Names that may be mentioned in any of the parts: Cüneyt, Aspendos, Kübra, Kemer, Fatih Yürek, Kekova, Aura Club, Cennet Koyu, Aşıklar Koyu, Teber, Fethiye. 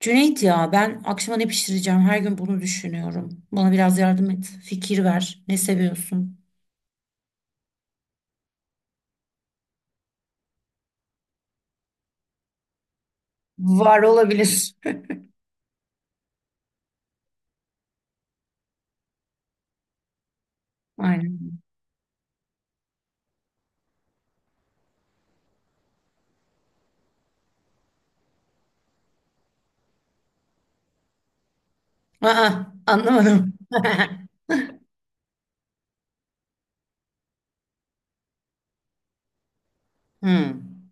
Cüneyt ya ben akşama ne pişireceğim? Her gün bunu düşünüyorum. Bana biraz yardım et. Fikir ver. Ne seviyorsun? Var olabilir. Aynen. Aa, anlamadım. Hmm.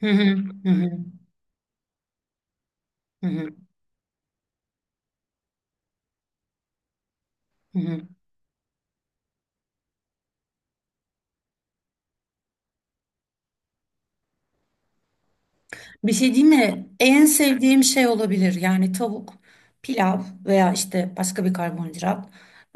Hı hı, hı hı, hı hı, hı hı. Bir şey değil mi? En sevdiğim şey olabilir. Yani tavuk, pilav veya işte başka bir karbonhidrat,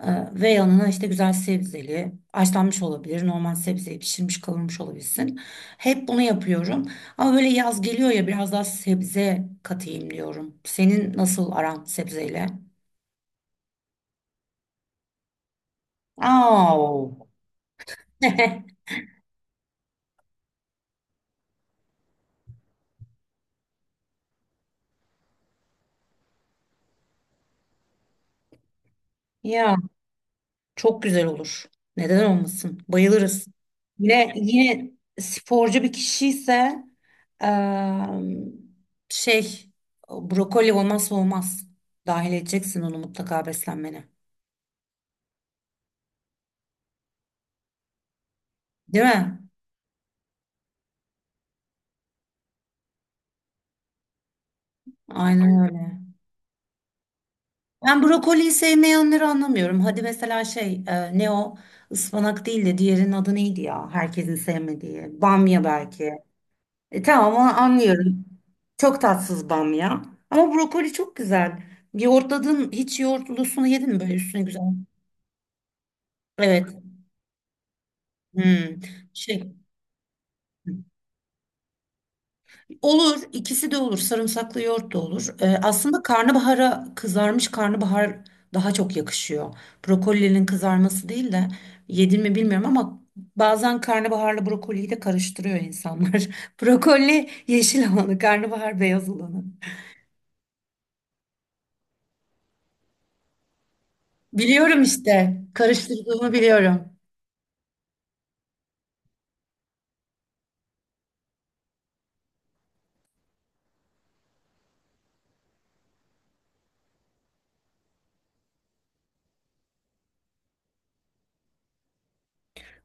e, ve yanına işte güzel sebzeli, haşlanmış olabilir, normal sebzeyi pişirmiş kavurmuş olabilsin. Hep bunu yapıyorum. Ama böyle yaz geliyor ya biraz daha sebze katayım diyorum. Senin nasıl aran sebzeyle? Aa. Ya. Çok güzel olur. Neden olmasın? Bayılırız. Yine sporcu bir kişi ise eee, şey brokoli olmazsa olmaz. Dahil edeceksin onu mutlaka beslenmene. Değil mi? Aynen öyle. Ben brokoliyi sevmeyenleri anlamıyorum. Hadi mesela şey ne o ıspanak değil de diğerinin adı neydi ya? Herkesin sevmediği. Bamya belki. E, tamam onu anlıyorum. Çok tatsız bamya. Ama brokoli çok güzel. Yoğurtladın hiç yoğurtlusunu yedin mi böyle üstüne güzel? Evet. Hmm. Şey olur, ikisi de olur. Sarımsaklı yoğurt da olur. Aslında karnabahara kızarmış karnabahar daha çok yakışıyor. Brokolinin kızarması değil de yedin mi bilmiyorum ama bazen karnabaharla brokoliyi de karıştırıyor insanlar. Brokoli yeşil olanı, karnabahar beyaz olanı. Biliyorum işte. Karıştırdığımı biliyorum.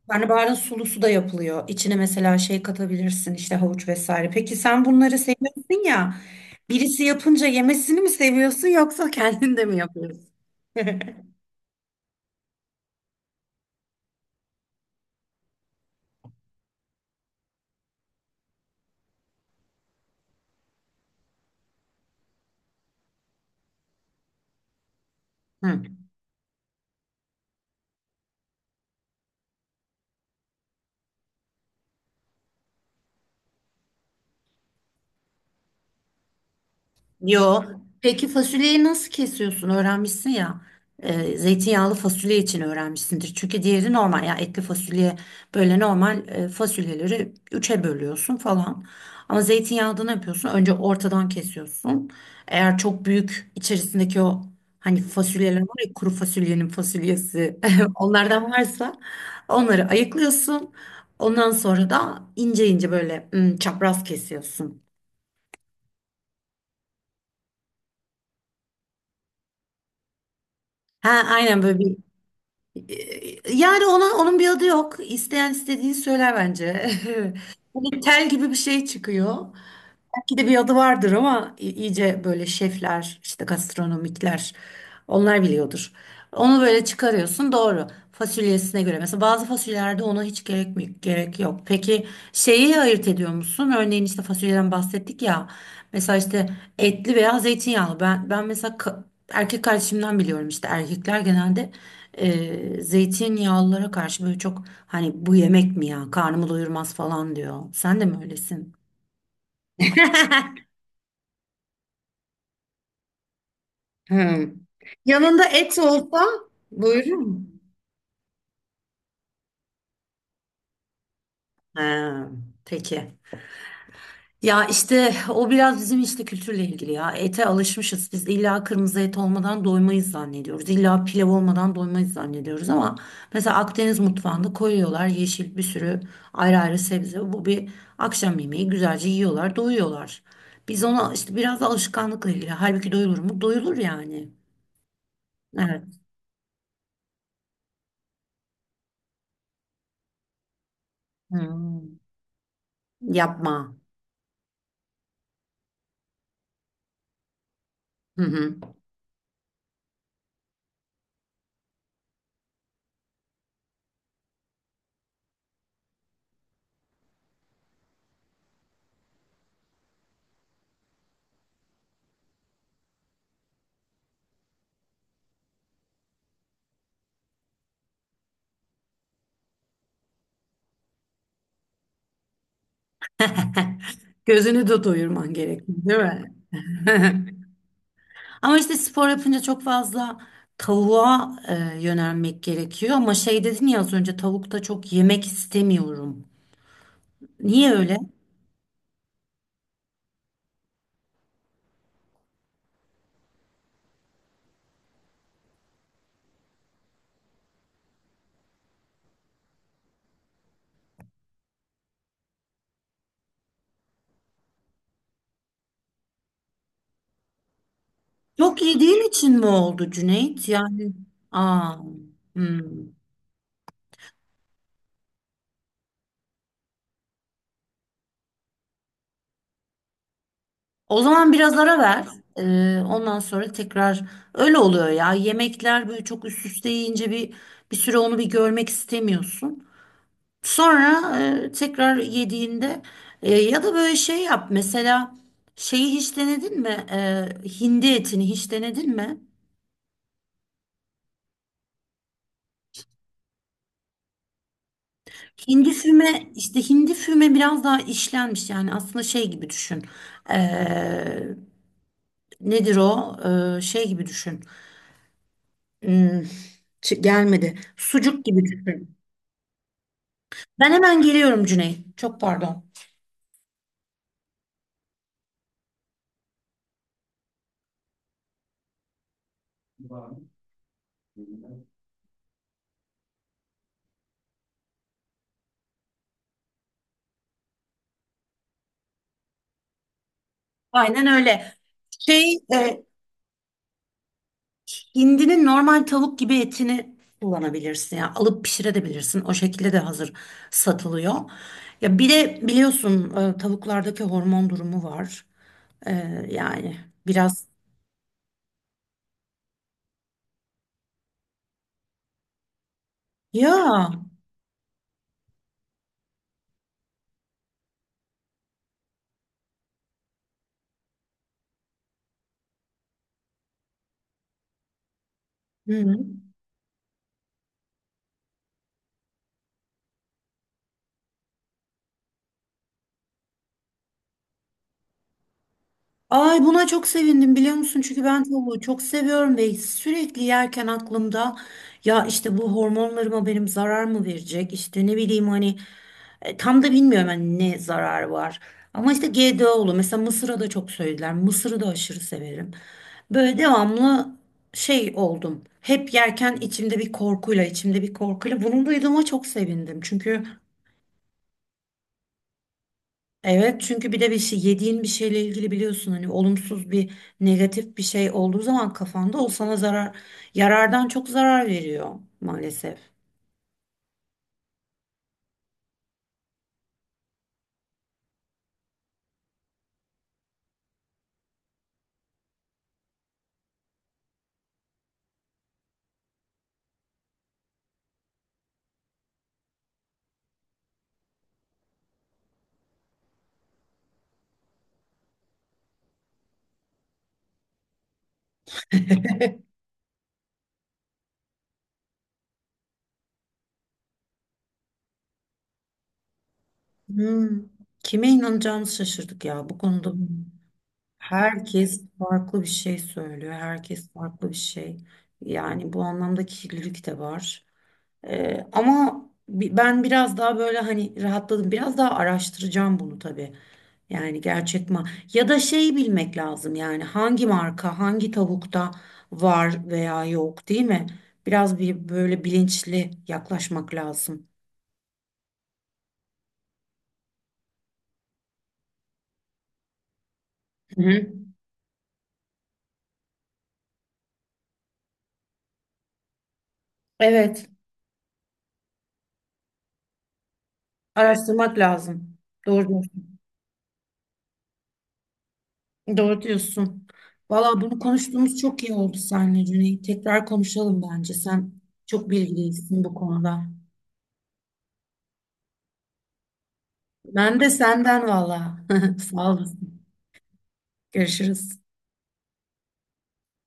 Karnabaharın sulusu da yapılıyor. İçine mesela şey katabilirsin, işte havuç vesaire. Peki sen bunları seviyorsun ya. Birisi yapınca yemesini mi seviyorsun yoksa kendin de mi yapıyorsun? Hı. Yo. Peki fasulyeyi nasıl kesiyorsun? Öğrenmişsin ya. Zeytinyağlı fasulye için öğrenmişsindir. Çünkü diğeri normal ya, etli fasulye böyle normal, fasulyeleri üçe bölüyorsun falan. Ama zeytinyağlıda ne yapıyorsun? Önce ortadan kesiyorsun. Eğer çok büyük içerisindeki o hani fasulyeler var ya, kuru fasulyenin fasulyesi, onlardan varsa onları ayıklıyorsun. Ondan sonra da ince ince böyle, hmm, çapraz kesiyorsun. Ha, aynen böyle bir E, yani ona, onun bir adı yok. İsteyen istediğini söyler bence. Bunun tel gibi bir şey çıkıyor. Bir de bir adı vardır ama iyice böyle şefler, işte gastronomikler onlar biliyordur. Onu böyle çıkarıyorsun, doğru. Fasulyesine göre. Mesela bazı fasulyelerde ona hiç gerek mi, gerek yok. Peki şeyi ayırt ediyor musun? Örneğin işte fasulyeden bahsettik ya. Mesela işte etli veya zeytinyağlı. Ben mesela erkek kardeşimden biliyorum, işte erkekler genelde zeytinyağlılara karşı böyle çok hani bu yemek mi ya? Karnımı doyurmaz falan diyor. Sen de mi öylesin? Ha. Yanında et olsa buyurun. Ha, peki. Ya işte o biraz bizim işte kültürle ilgili ya. Ete alışmışız. Biz illa kırmızı et olmadan doymayız zannediyoruz. İlla pilav olmadan doymayız zannediyoruz ama mesela Akdeniz mutfağında koyuyorlar yeşil bir sürü ayrı ayrı sebze. Bu bir akşam yemeği güzelce yiyorlar, doyuyorlar. Biz ona işte biraz da alışkanlıkla ilgili. Halbuki doyulur mu? Doyulur yani. Evet. Hmm. Yapma. Hı hı. Gözünü de doyurman gerekiyor, değil mi? Ama işte spor yapınca çok fazla tavuğa, yönelmek gerekiyor. Ama şey dedin ya az önce, tavukta çok yemek istemiyorum. Niye öyle? Çok yediğin için mi oldu Cüneyt? Yani aa, hmm. O zaman biraz ara ver. E, ondan sonra tekrar öyle oluyor ya. Yemekler böyle çok üst üste yiyince bir bir süre onu bir görmek istemiyorsun. Sonra, tekrar yediğinde, ya da böyle şey yap mesela, şeyi hiç denedin mi? E, hindi etini hiç denedin mi? Hindi füme, işte hindi füme biraz daha işlenmiş, yani aslında şey gibi düşün. E, nedir o? E, şey gibi düşün. Hmm, gelmedi. Sucuk gibi düşün. Ben hemen geliyorum Cüneyt. Çok pardon. Aynen öyle. Şey e, hindinin normal tavuk gibi etini kullanabilirsin. Yani alıp pişirebilirsin. O şekilde de hazır satılıyor. Ya bir de biliyorsun, tavuklardaki hormon durumu var. E, yani biraz ya. Hı. Ay, buna çok sevindim biliyor musun? Çünkü ben tavuğu çok seviyorum ve sürekli yerken aklımda ya işte bu hormonlarıma benim zarar mı verecek? İşte ne bileyim hani, tam da bilmiyorum hani ne zarar var. Ama işte GDO'lu mesela mısıra da çok söylediler. Mısırı da aşırı severim. Böyle devamlı şey oldum. Hep yerken içimde bir korkuyla, içimde bir korkuyla. Bunu duyduğuma çok sevindim. Çünkü evet, çünkü bir de bir şey, yediğin bir şeyle ilgili biliyorsun hani olumsuz bir, negatif bir şey olduğu zaman kafanda o sana zarar, yarardan çok zarar veriyor maalesef. Hmm, kime inanacağımızı şaşırdık ya bu konuda. Herkes farklı bir şey söylüyor. Herkes farklı bir şey. Yani bu anlamda kirlilik de var. Ama ben biraz daha böyle hani rahatladım. Biraz daha araştıracağım bunu tabii. Yani gerçek ma, ya da şeyi bilmek lazım yani hangi marka hangi tavukta var veya yok, değil mi? Biraz bir böyle bilinçli yaklaşmak lazım. Hı hı. Evet, araştırmak lazım. Doğru diyorsun. Doğru diyorsun. Valla bunu konuştuğumuz çok iyi oldu seninle Cüneyt. Tekrar konuşalım bence. Sen çok bilgilisin bu konuda. Ben de senden valla. Sağ olasın. Görüşürüz.